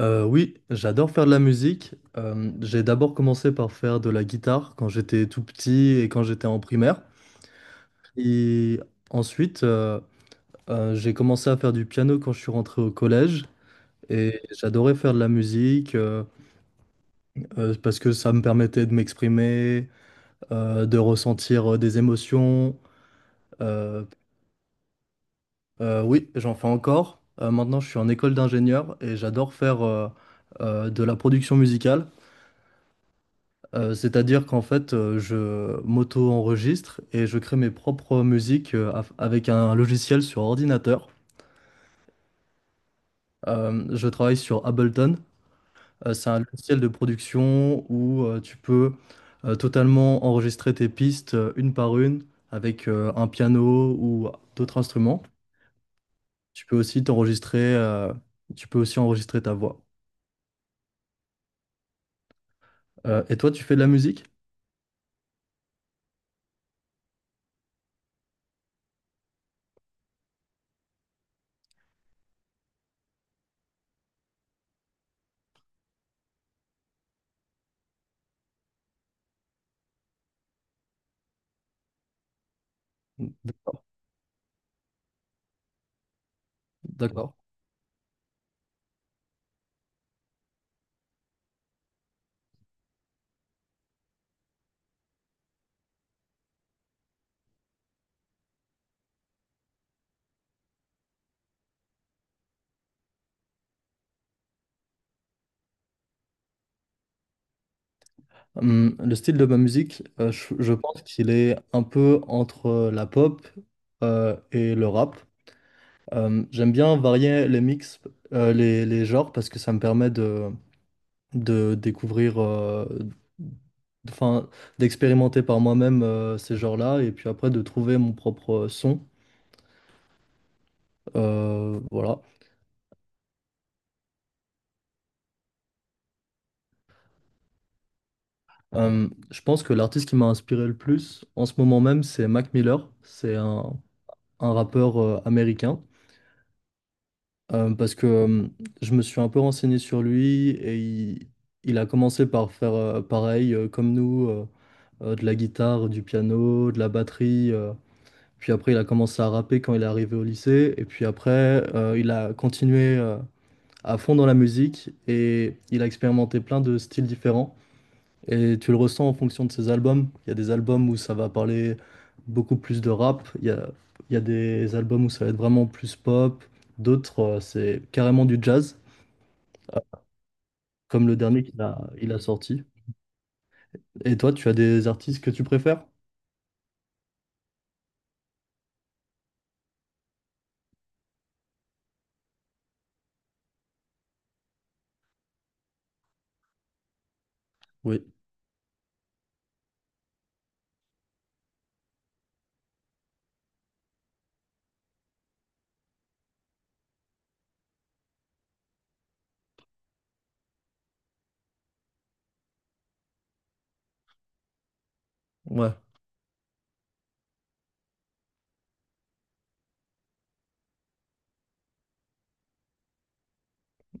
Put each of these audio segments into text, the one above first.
Oui, j'adore faire de la musique. J'ai d'abord commencé par faire de la guitare quand j'étais tout petit et quand j'étais en primaire. Et ensuite, j'ai commencé à faire du piano quand je suis rentré au collège. Et j'adorais faire de la musique parce que ça me permettait de m'exprimer, de ressentir des émotions. Euh, oui, j'en fais encore. Maintenant, je suis en école d'ingénieur et j'adore faire de la production musicale. C'est-à-dire qu'en fait, je m'auto-enregistre et je crée mes propres musiques avec un logiciel sur ordinateur. Je travaille sur Ableton. C'est un logiciel de production où tu peux totalement enregistrer tes pistes une par une avec un piano ou d'autres instruments. Tu peux aussi t'enregistrer, tu peux aussi enregistrer ta voix. Et toi, tu fais de la musique? D'accord. Le style de ma musique, je pense qu'il est un peu entre la pop et le rap. J'aime bien varier les mix, les genres, parce que ça me permet de découvrir, enfin, d'expérimenter par moi-même ces genres-là, et puis après de trouver mon propre son. Voilà. Je pense que l'artiste qui m'a inspiré le plus en ce moment même, c'est Mac Miller. Un rappeur américain. Parce que Je me suis un peu renseigné sur lui il a commencé par faire pareil comme nous. De la guitare, du piano, de la batterie. Puis après, il a commencé à rapper quand il est arrivé au lycée. Et puis après, il a continué à fond dans la musique et il a expérimenté plein de styles différents. Et tu le ressens en fonction de ses albums. Il y a des albums où ça va parler beaucoup plus de rap. Il y a des albums où ça va être vraiment plus pop. D'autres, c'est carrément du jazz, comme le dernier il a sorti. Et toi, tu as des artistes que tu préfères? Oui. Ouais.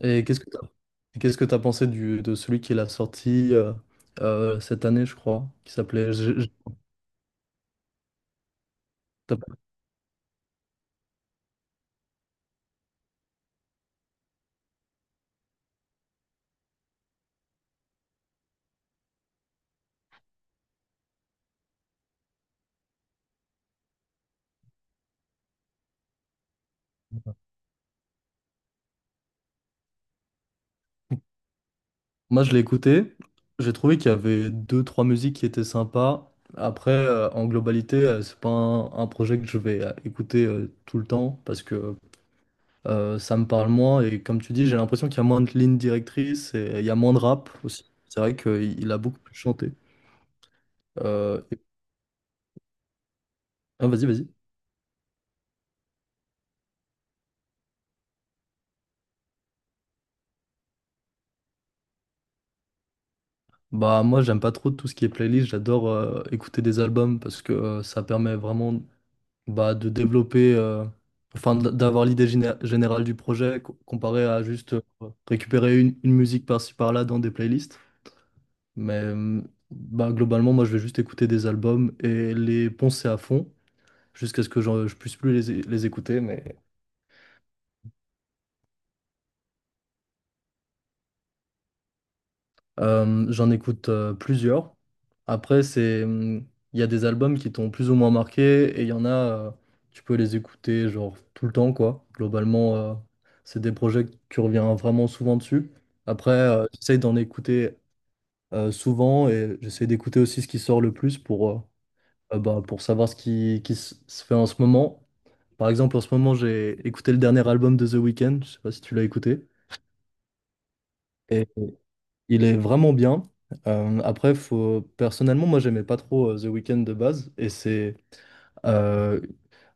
Et qu'est-ce que tu Et qu'est-ce que tu as pensé du, de celui qui l'a sorti cette année, je crois, qui s'appelait... t'as- Moi, je l'ai écouté. J'ai trouvé qu'il y avait deux, trois musiques qui étaient sympas. Après, en globalité, c'est pas un, un projet que je vais écouter tout le temps parce que ça me parle moins. Et comme tu dis, j'ai l'impression qu'il y a moins de lignes directrices et il y a moins de rap aussi. C'est vrai qu'il il a beaucoup plus chanté. Euh, et- ah, vas-y. Bah moi j'aime pas trop tout ce qui est playlist, j'adore écouter des albums parce que ça permet vraiment bah, de développer, enfin d'avoir l'idée générale du projet comparé à juste récupérer une musique par-ci par-là dans des playlists. Mais bah, globalement, moi je vais juste écouter des albums et les poncer à fond jusqu'à ce que je puisse plus les, les écouter. Mais j'en écoute plusieurs. Après, c'est, il y a des albums qui t'ont plus ou moins marqué et il y en a, tu peux les écouter genre tout le temps, quoi. Globalement, c'est des projets que tu reviens vraiment souvent dessus. Après, j'essaie d'en écouter souvent et j'essaie d'écouter aussi ce qui sort le plus pour, bah, pour savoir qui se fait en ce moment. Par exemple, en ce moment, j'ai écouté le dernier album de The Weeknd. Je sais pas si tu l'as écouté. Il est vraiment bien. Après, faut... personnellement, moi, j'aimais pas trop The Weeknd de base. Et c'est euh,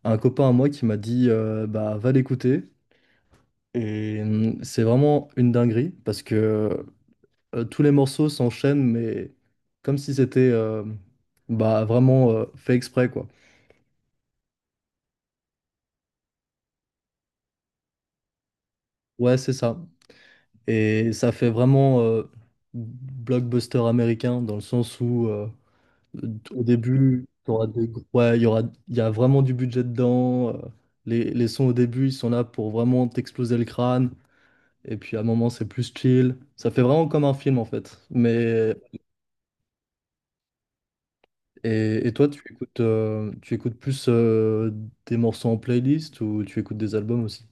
un copain à moi qui m'a dit bah, va l'écouter. Et c'est vraiment une dinguerie parce que tous les morceaux s'enchaînent, mais comme si c'était bah, vraiment fait exprès, quoi. Ouais, c'est ça. Et ça fait vraiment blockbuster américain dans le sens où. Au début, t'auras des... ouais, il y aura... il y a vraiment du budget dedans. Les sons au début, ils sont là pour vraiment t'exploser le crâne. Et puis à un moment, c'est plus chill. Ça fait vraiment comme un film en fait. Mais et toi, tu écoutes plus des morceaux en playlist ou tu écoutes des albums aussi?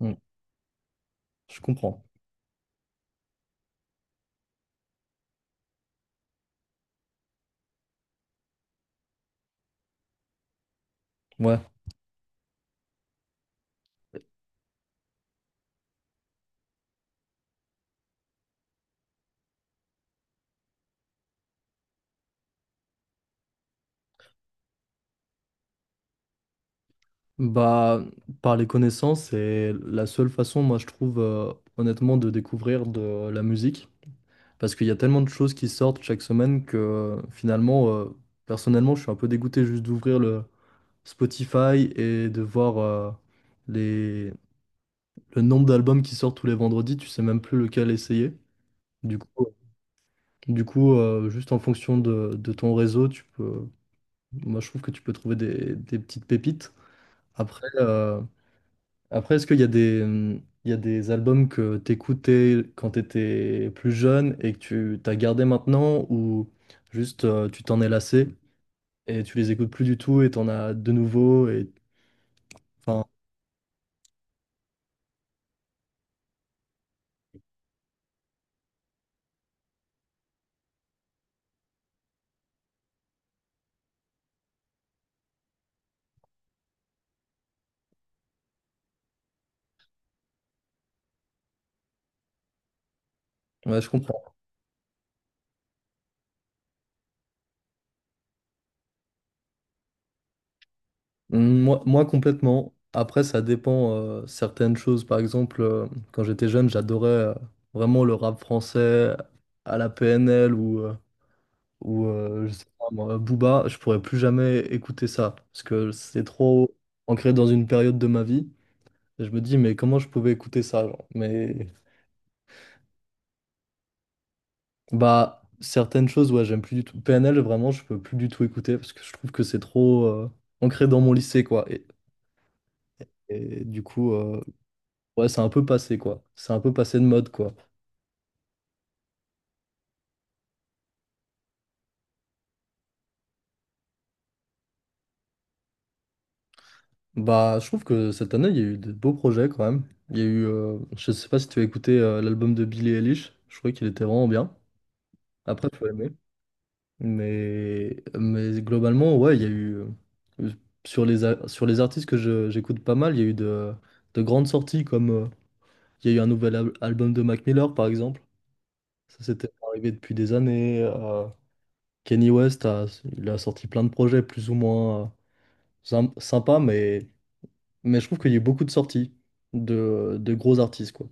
Hmm, Je comprends. Ouais. Bah, par les connaissances, c'est la seule façon, moi, je trouve, honnêtement, de découvrir de la musique. Parce qu'il y a tellement de choses qui sortent chaque semaine que finalement, personnellement, je suis un peu dégoûté juste d'ouvrir le Spotify et de voir les... le nombre d'albums qui sortent tous les vendredis. Tu sais même plus lequel essayer. Du coup, du coup juste en fonction de ton réseau, tu peux... moi, je trouve que tu peux trouver des petites pépites. Après, euh, Après, est-ce qu'il y a des, il y a des albums que t'écoutais quand t'étais plus jeune et que tu t'as gardé maintenant ou juste tu t'en es lassé et tu les écoutes plus du tout et t'en as de nouveau et enfin, ouais, je comprends. Moi complètement. Après, ça dépend certaines choses. Par exemple, quand j'étais jeune, j'adorais vraiment le rap français à la PNL ou je sais pas moi, Booba, je pourrais plus jamais écouter ça parce que c'est trop ancré dans une période de ma vie. Et je me dis, mais comment je pouvais écouter ça, genre. Mais bah, certaines choses, ouais, j'aime plus du tout. PNL, vraiment, je peux plus du tout écouter parce que je trouve que c'est trop ancré dans mon lycée, quoi. Et du coup, ouais, c'est un peu passé, quoi. C'est un peu passé de mode, quoi. Bah, je trouve que cette année, il y a eu de beaux projets quand même. Il y a eu, je sais pas si tu as écouté l'album de Billie Eilish, je trouvais qu'il était vraiment bien. Après, tu as aimé. Mais globalement, ouais, il y a eu. euh, Sur sur les artistes que j'écoute pas mal, il y a eu de grandes sorties comme. Il y a eu un nouvel album de Mac Miller, par exemple. Ça, c'était arrivé depuis des années. Kanye West il a sorti plein de projets plus ou moins sympas, mais je trouve qu'il y a eu beaucoup de sorties de gros artistes, quoi.